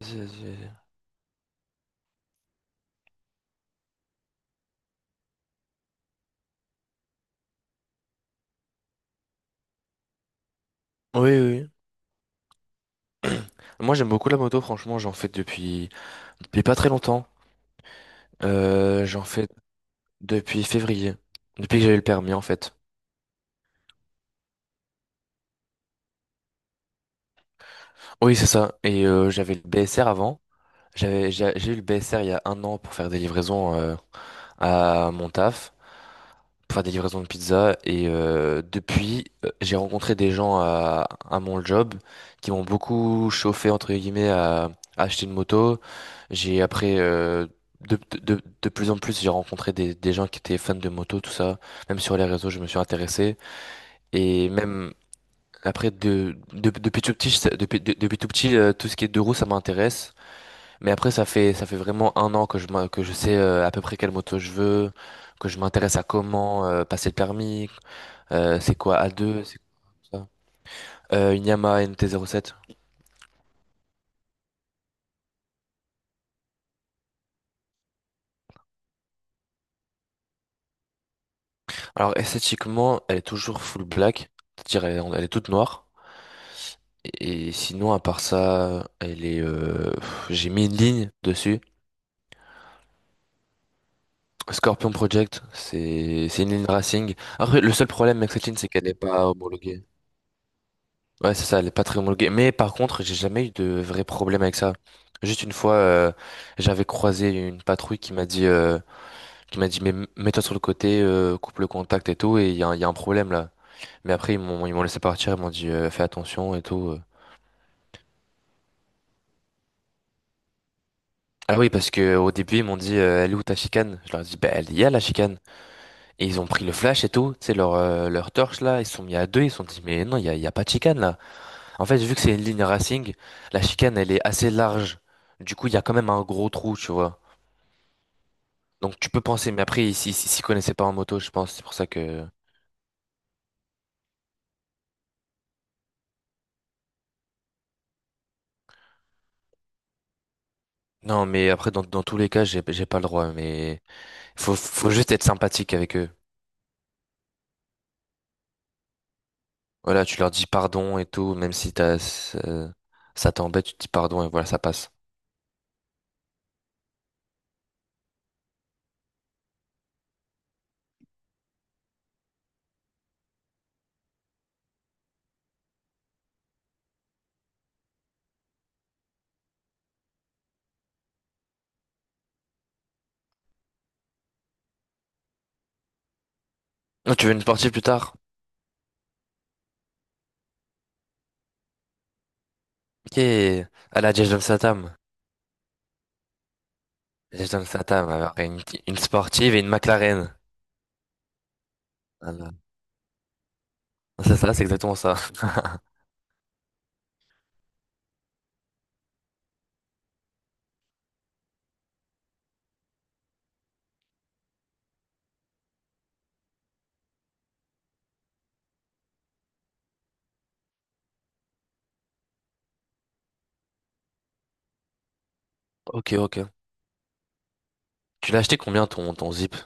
Vas-y, vas-y, vas-y. Oui, oui. Moi, j'aime beaucoup la moto, franchement, j'en fais depuis pas très longtemps. J'en fais depuis février, depuis que j'ai eu le permis, en fait. Oui, c'est ça. Et j'avais le BSR avant. J'ai eu le BSR il y a un an pour faire des livraisons à mon taf, pour faire des livraisons de pizza. Et depuis, j'ai rencontré des gens à mon job qui m'ont beaucoup chauffé, entre guillemets, à acheter une moto. J'ai après, de plus en plus, j'ai rencontré des gens qui étaient fans de moto, tout ça. Même sur les réseaux, je me suis intéressé. Et même après, depuis tout petit, je sais- depuis, de- depuis tout petit, tout ce qui est deux roues, ça m'intéresse. Mais après, ça fait vraiment un an que que je sais à peu près quelle moto je veux, que je m'intéresse à comment passer le permis, c'est quoi A2, ouais, c'est quoi ça? Une Yamaha NT07. Alors esthétiquement, elle est toujours full black, c'est-à-dire elle est toute noire. Et sinon, à part ça, j'ai mis une ligne dessus. Scorpion Project, c'est une ligne racing. Après, le seul problème avec cette ligne, c'est qu'elle n'est pas homologuée. Ouais, c'est ça, elle est pas très homologuée. Mais par contre, j'ai jamais eu de vrai problème avec ça. Juste une fois, j'avais croisé une patrouille qui m'a dit, mais mets-toi sur le côté, coupe le contact et tout, et il y a un problème là. Mais après, ils m'ont laissé partir, ils m'ont dit, fais attention et tout. Ah oui, parce que au début, ils m'ont dit, elle est où ta chicane? Je leur ai dit, bah, elle y a la chicane. Et ils ont pris le flash et tout, tu sais, leur torche là, ils se sont mis à deux, ils se sont dit, mais non, il y a pas de chicane là. En fait, vu que c'est une ligne racing, la chicane, elle est assez large. Du coup, il y a quand même un gros trou, tu vois. Donc tu peux penser, mais après, ils s'y connaissaient pas en moto, je pense, c'est pour ça que... Non, mais après, dans tous les cas, j'ai pas le droit, mais... Faut juste être sympathique avec eux. Voilà, tu leur dis pardon et tout, même si ça t'embête, tu te dis pardon et voilà, ça passe. Oh, tu veux une sportive plus tard? Ok, à la Jason Statham. Jason Statham, alors, une sportive et une McLaren. Voilà. C'est ça, c'est exactement ça. Ok, ok. Tu l'as acheté combien ton zip?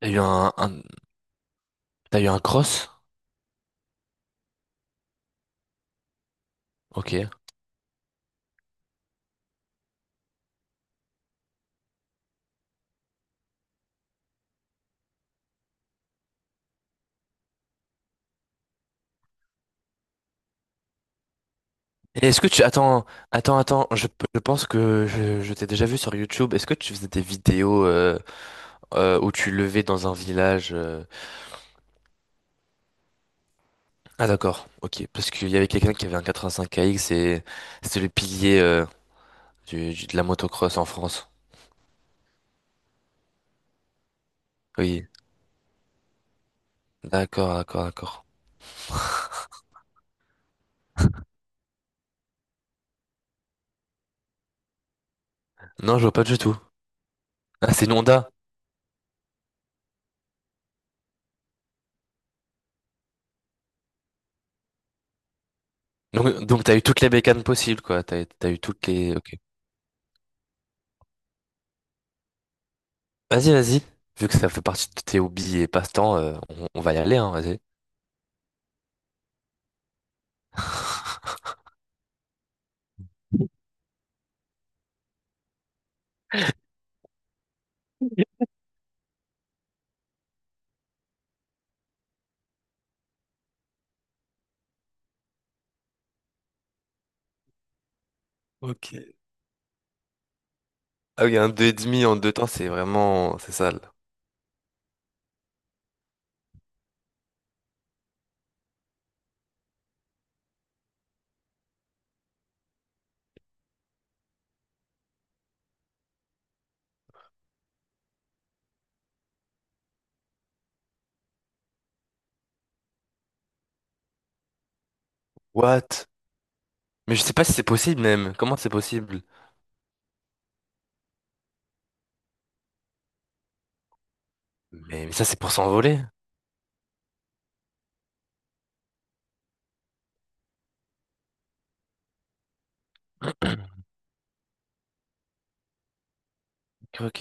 T'as eu un, un- T'as eu un cross? Ok. Et Est-ce que tu... Attends, attends, attends, je pense que je t'ai déjà vu sur YouTube. Est-ce que tu faisais des vidéos où tu levais dans un village? Ah d'accord, ok. Parce qu'il y avait quelqu'un qui avait un 85AX et c'était le pilier de la motocross en France. Oui, d'accord, d'accord, d'accord. Non, je vois pas du tout. Ah, c'est une Honda. Donc t'as eu toutes les bécanes possibles, quoi. T'as eu toutes les... Ok. Vas-y, vas-y. Vu que ça fait partie de tes hobbies et passe-temps, on va y aller, hein, vas-y. Ok. Ah oui, un deux et demi en deux temps, c'est vraiment... C'est sale. What? Mais je sais pas si c'est possible, même. Comment c'est possible? Mais ça, c'est pour s'envoler. Ok, ok.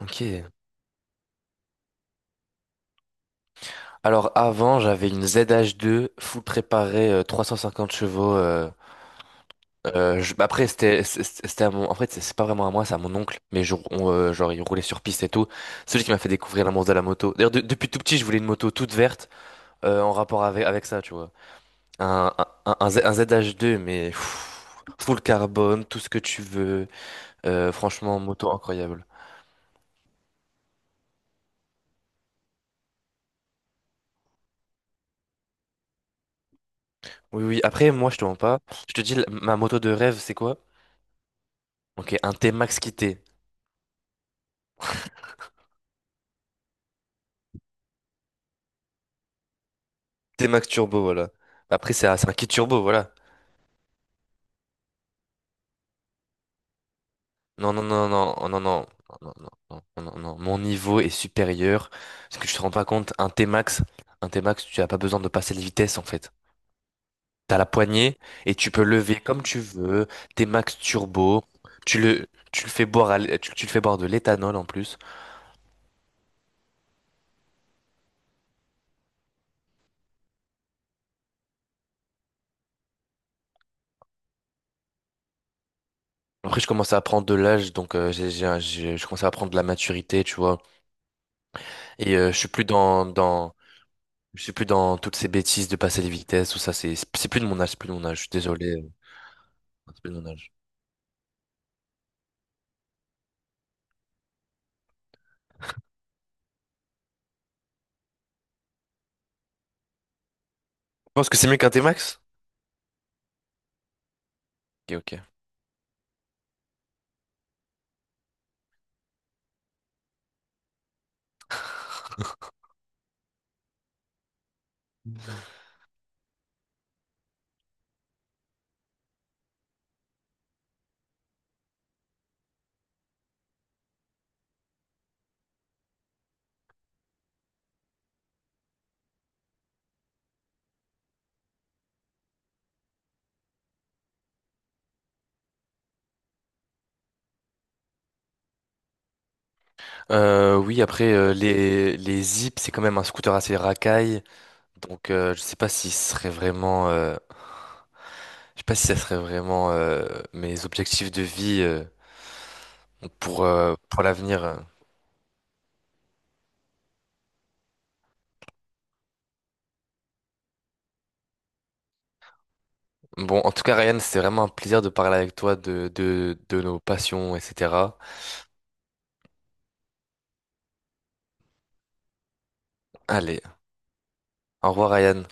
Ok. Alors avant, j'avais une ZH2 full préparée, 350 chevaux. Bah après, c'était en fait, c'est pas vraiment à moi, c'est à mon oncle. Mais on, genre, il roulait sur piste et tout. C'est lui qui m'a fait découvrir l'amour de la moto. D'ailleurs, depuis tout petit, je voulais une moto toute verte en rapport avec ça, tu vois. Un ZH2, mais pff, full carbone, tout ce que tu veux. Franchement, moto incroyable. Oui, oui. Après, moi, je te mens pas. Je te dis, ma moto de rêve, c'est quoi? Ok, un T-Max quitté. T-Max Turbo, voilà. Après, c'est un kit turbo, voilà. Non, non, non, non, non, non, non, oh, non, non, non, oh, non, non. Mon niveau est supérieur. Parce que je te rends pas compte, un T-Max, tu n'as pas besoin de passer les vitesses, en fait. T'as la poignée et tu peux lever comme tu veux. T-Max Turbo. Tu le, tu le fais boire à l'é- tu le fais boire de l'éthanol en plus. Après, je commence à prendre de l'âge, donc je commence à prendre de la maturité, tu vois. Et euh, je suis plus dans, dans, Je suis plus dans toutes ces bêtises de passer les vitesses, tout ça, c'est plus de mon âge, c'est plus de mon âge, je suis désolé, c'est plus de mon âge. Je pense que c'est mieux qu'un T-Max? Ok, ok. Oui, après, les Zip, c'est quand même un scooter assez racaille, donc je sais pas si ce serait vraiment, je sais pas si ça serait vraiment mes objectifs de vie pour l'avenir. Bon, en tout cas, Ryan, c'était vraiment un plaisir de parler avec toi de nos passions, etc. Allez, au revoir, Ryan.